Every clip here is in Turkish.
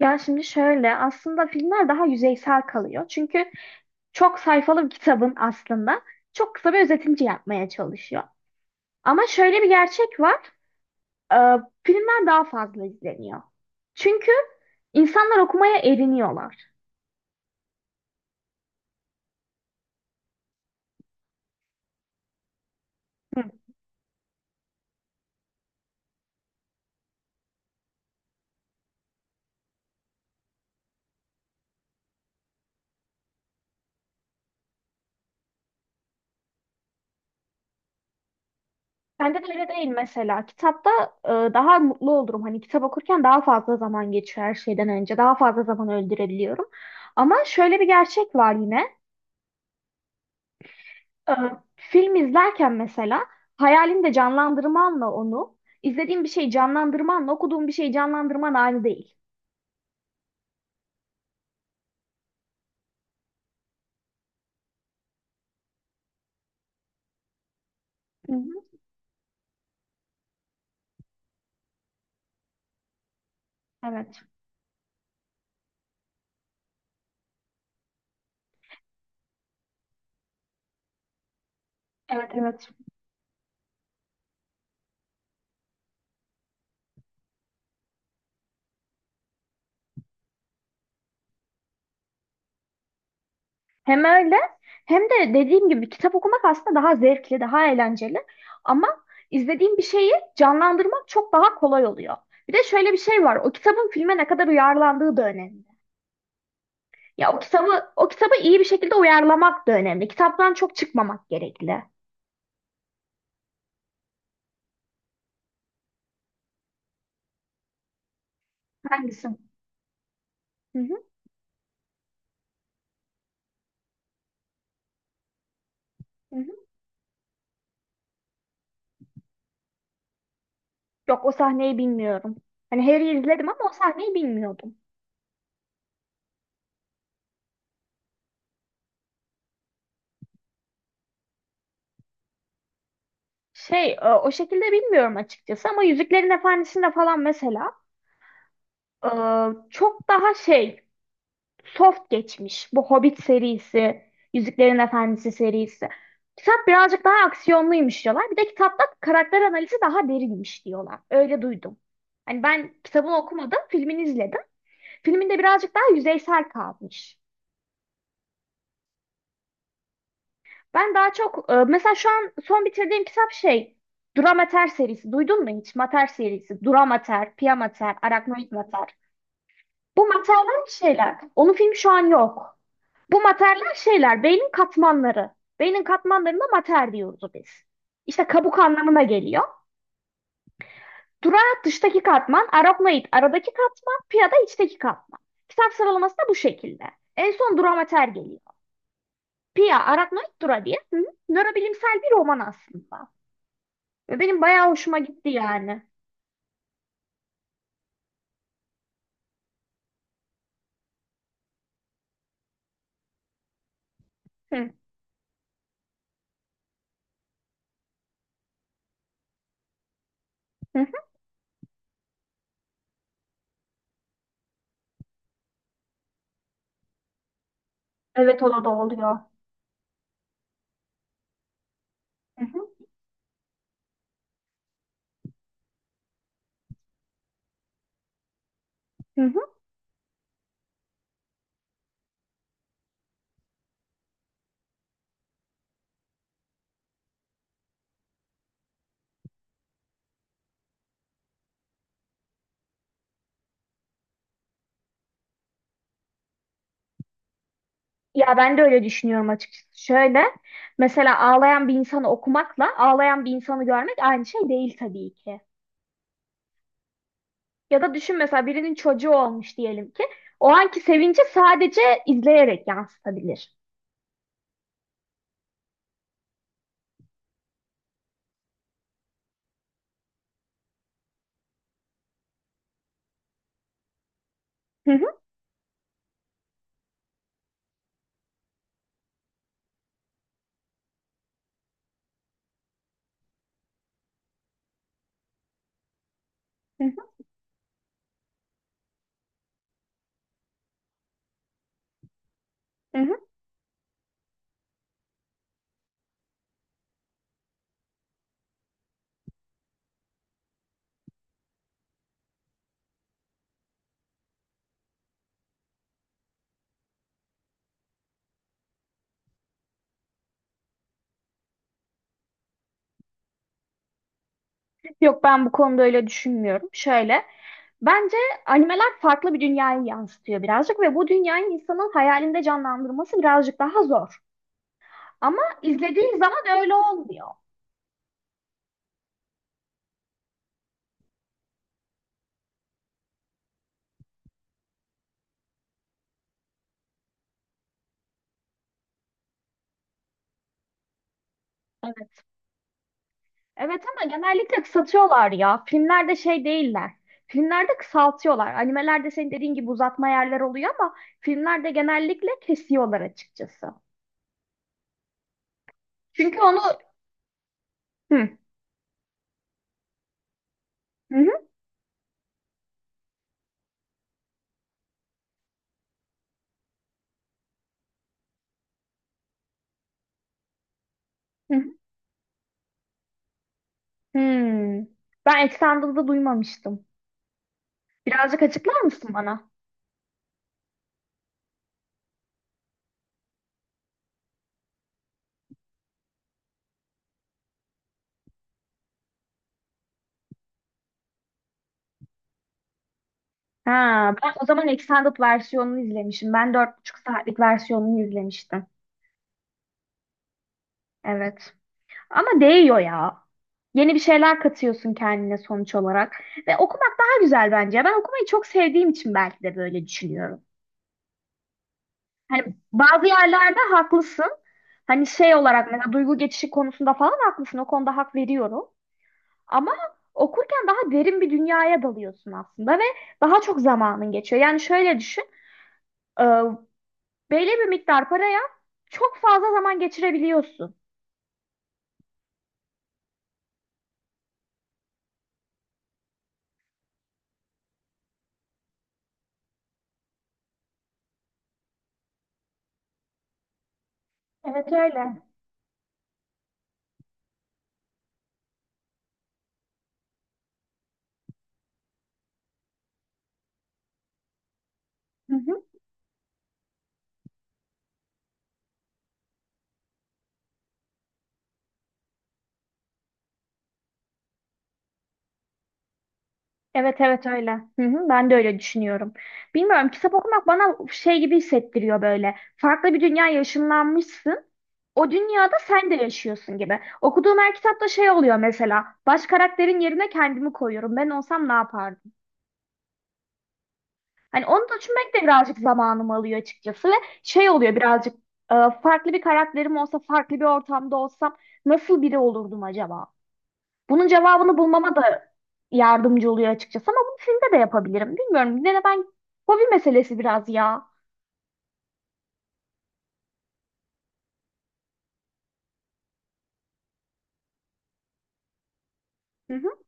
Ya şimdi şöyle aslında filmler daha yüzeysel kalıyor. Çünkü çok sayfalı bir kitabın aslında çok kısa bir özetince yapmaya çalışıyor. Ama şöyle bir gerçek var. e, Filmler daha fazla izleniyor. Çünkü insanlar okumaya eriniyorlar. Hı. Bende de öyle değil mesela. Kitapta daha mutlu olurum. Hani kitap okurken daha fazla zaman geçiyor her şeyden önce. Daha fazla zaman öldürebiliyorum. Ama şöyle bir gerçek var yine. Ee, Film izlerken mesela hayalinde canlandırmanla onu, izlediğin bir şeyi canlandırmanla okuduğun bir şeyi canlandırman aynı değil. Hı hı. Evet. Evet, evet. Hem öyle hem de dediğim gibi kitap okumak aslında daha zevkli, daha eğlenceli. Ama izlediğim bir şeyi canlandırmak çok daha kolay oluyor. Bir de şöyle bir şey var. O kitabın filme ne kadar uyarlandığı da önemli. Ya o kitabı iyi bir şekilde uyarlamak da önemli. Kitaptan çok çıkmamak gerekli. Hangisi? Hı hı. Hı hı. Yok, o sahneyi bilmiyorum. Hani Harry'i izledim ama o sahneyi bilmiyordum. Şey, o şekilde bilmiyorum açıkçası ama Yüzüklerin Efendisi'nde falan mesela e, çok daha şey, soft geçmiş. Bu Hobbit serisi, Yüzüklerin Efendisi serisi. Kitap birazcık daha aksiyonluymuş diyorlar. Bir de kitapta karakter analizi daha derinmiş diyorlar. Öyle duydum. Hani ben kitabını okumadım, filmini izledim. Filminde birazcık daha yüzeysel kalmış. Ben daha çok mesela şu an son bitirdiğim kitap şey, Duramater serisi. Duydun mu hiç? Mater serisi. Duramater, Piyamater, Arachnoid Mater. Bu materler şeyler. Onun filmi şu an yok. Bu materler şeyler. Beynin katmanları. Beynin katmanlarına mater diyoruz biz. İşte kabuk anlamına geliyor. Dura dıştaki katman, arachnoid aradaki katman, pia da içteki katman. Kitap sıralaması da bu şekilde. En son duramater geliyor. Pia, arachnoid, dura diye. Hı? Nörobilimsel bir roman aslında. Ve benim bayağı hoşuma gitti yani. Hı hı. Hı. Evet, o da oluyor. Hı hı. Hı hı. Ya ben de öyle düşünüyorum açıkçası. Şöyle, mesela ağlayan bir insanı okumakla ağlayan bir insanı görmek aynı şey değil tabii ki. Ya da düşün, mesela birinin çocuğu olmuş diyelim ki o anki sevinci sadece izleyerek yansıtabilir. Hı hı, hı hı, hı hı. Yok, ben bu konuda öyle düşünmüyorum. Şöyle, bence animeler farklı bir dünyayı yansıtıyor birazcık ve bu dünyayı insanın hayalinde canlandırması birazcık daha zor. Ama izlediğin zaman öyle olmuyor. Evet. Evet ama genellikle kısaltıyorlar ya. Filmlerde şey değiller. Filmlerde kısaltıyorlar. Animelerde senin dediğin gibi uzatma yerler oluyor ama filmlerde genellikle kesiyorlar açıkçası. Çünkü onu... Hı, hı, hı, hı. Hı. Hmm. Ben Extended'ı duymamıştım. Birazcık açıklar mısın bana? Ha, ben o zaman Extended versiyonunu izlemişim. Ben 4,5 saatlik versiyonunu izlemiştim. Evet. Ama değiyor ya. Yeni bir şeyler katıyorsun kendine sonuç olarak. Ve okumak daha güzel bence. Ben okumayı çok sevdiğim için belki de böyle düşünüyorum. Hani bazı yerlerde haklısın. Hani şey olarak mesela duygu geçişi konusunda falan haklısın. O konuda hak veriyorum. Ama okurken daha derin bir dünyaya dalıyorsun aslında ve daha çok zamanın geçiyor. Yani şöyle düşün. e, Belli bir miktar paraya çok fazla zaman geçirebiliyorsun. Evet öyle. Hı hı. Evet, evet öyle. Hı hı, ben de öyle düşünüyorum. Bilmiyorum, kitap okumak bana şey gibi hissettiriyor böyle. Farklı bir dünya ışınlanmışsın. O dünyada sen de yaşıyorsun gibi. Okuduğum her kitapta şey oluyor mesela. Baş karakterin yerine kendimi koyuyorum. Ben olsam ne yapardım? Hani onu düşünmek de birazcık zamanımı alıyor açıkçası ve şey oluyor birazcık, e, farklı bir karakterim olsa, farklı bir ortamda olsam nasıl biri olurdum acaba? Bunun cevabını bulmama da yardımcı oluyor açıkçası ama bunu filmde de yapabilirim. Bilmiyorum. Yine de ben, hobi meselesi biraz ya. Hı hı,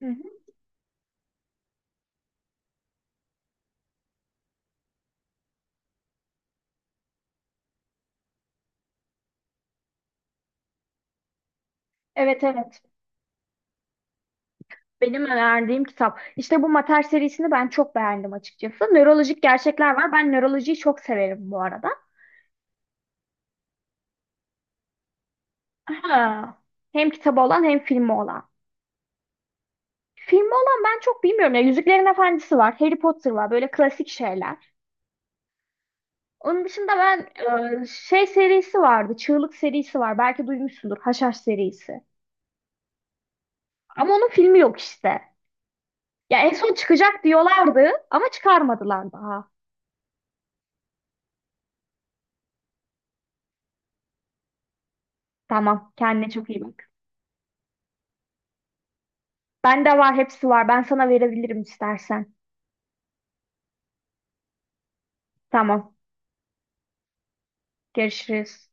hı hı. Evet, evet. Benim önerdiğim kitap. İşte bu Mater serisini ben çok beğendim açıkçası. Nörolojik gerçekler var. Ben nörolojiyi çok severim bu arada. Aha. Hem kitabı olan hem filmi olan. Filmi olan ben çok bilmiyorum ya. Yüzüklerin Efendisi var. Harry Potter var. Böyle klasik şeyler. Onun dışında ben şey serisi vardı. Çığlık serisi var. Belki duymuşsundur. Haşhaş serisi. Ama onun filmi yok işte. Ya en son çıkacak diyorlardı ama çıkarmadılar daha. Tamam, kendine çok iyi bak. Bende var, hepsi var. Ben sana verebilirim istersen. Tamam, görüşürüz.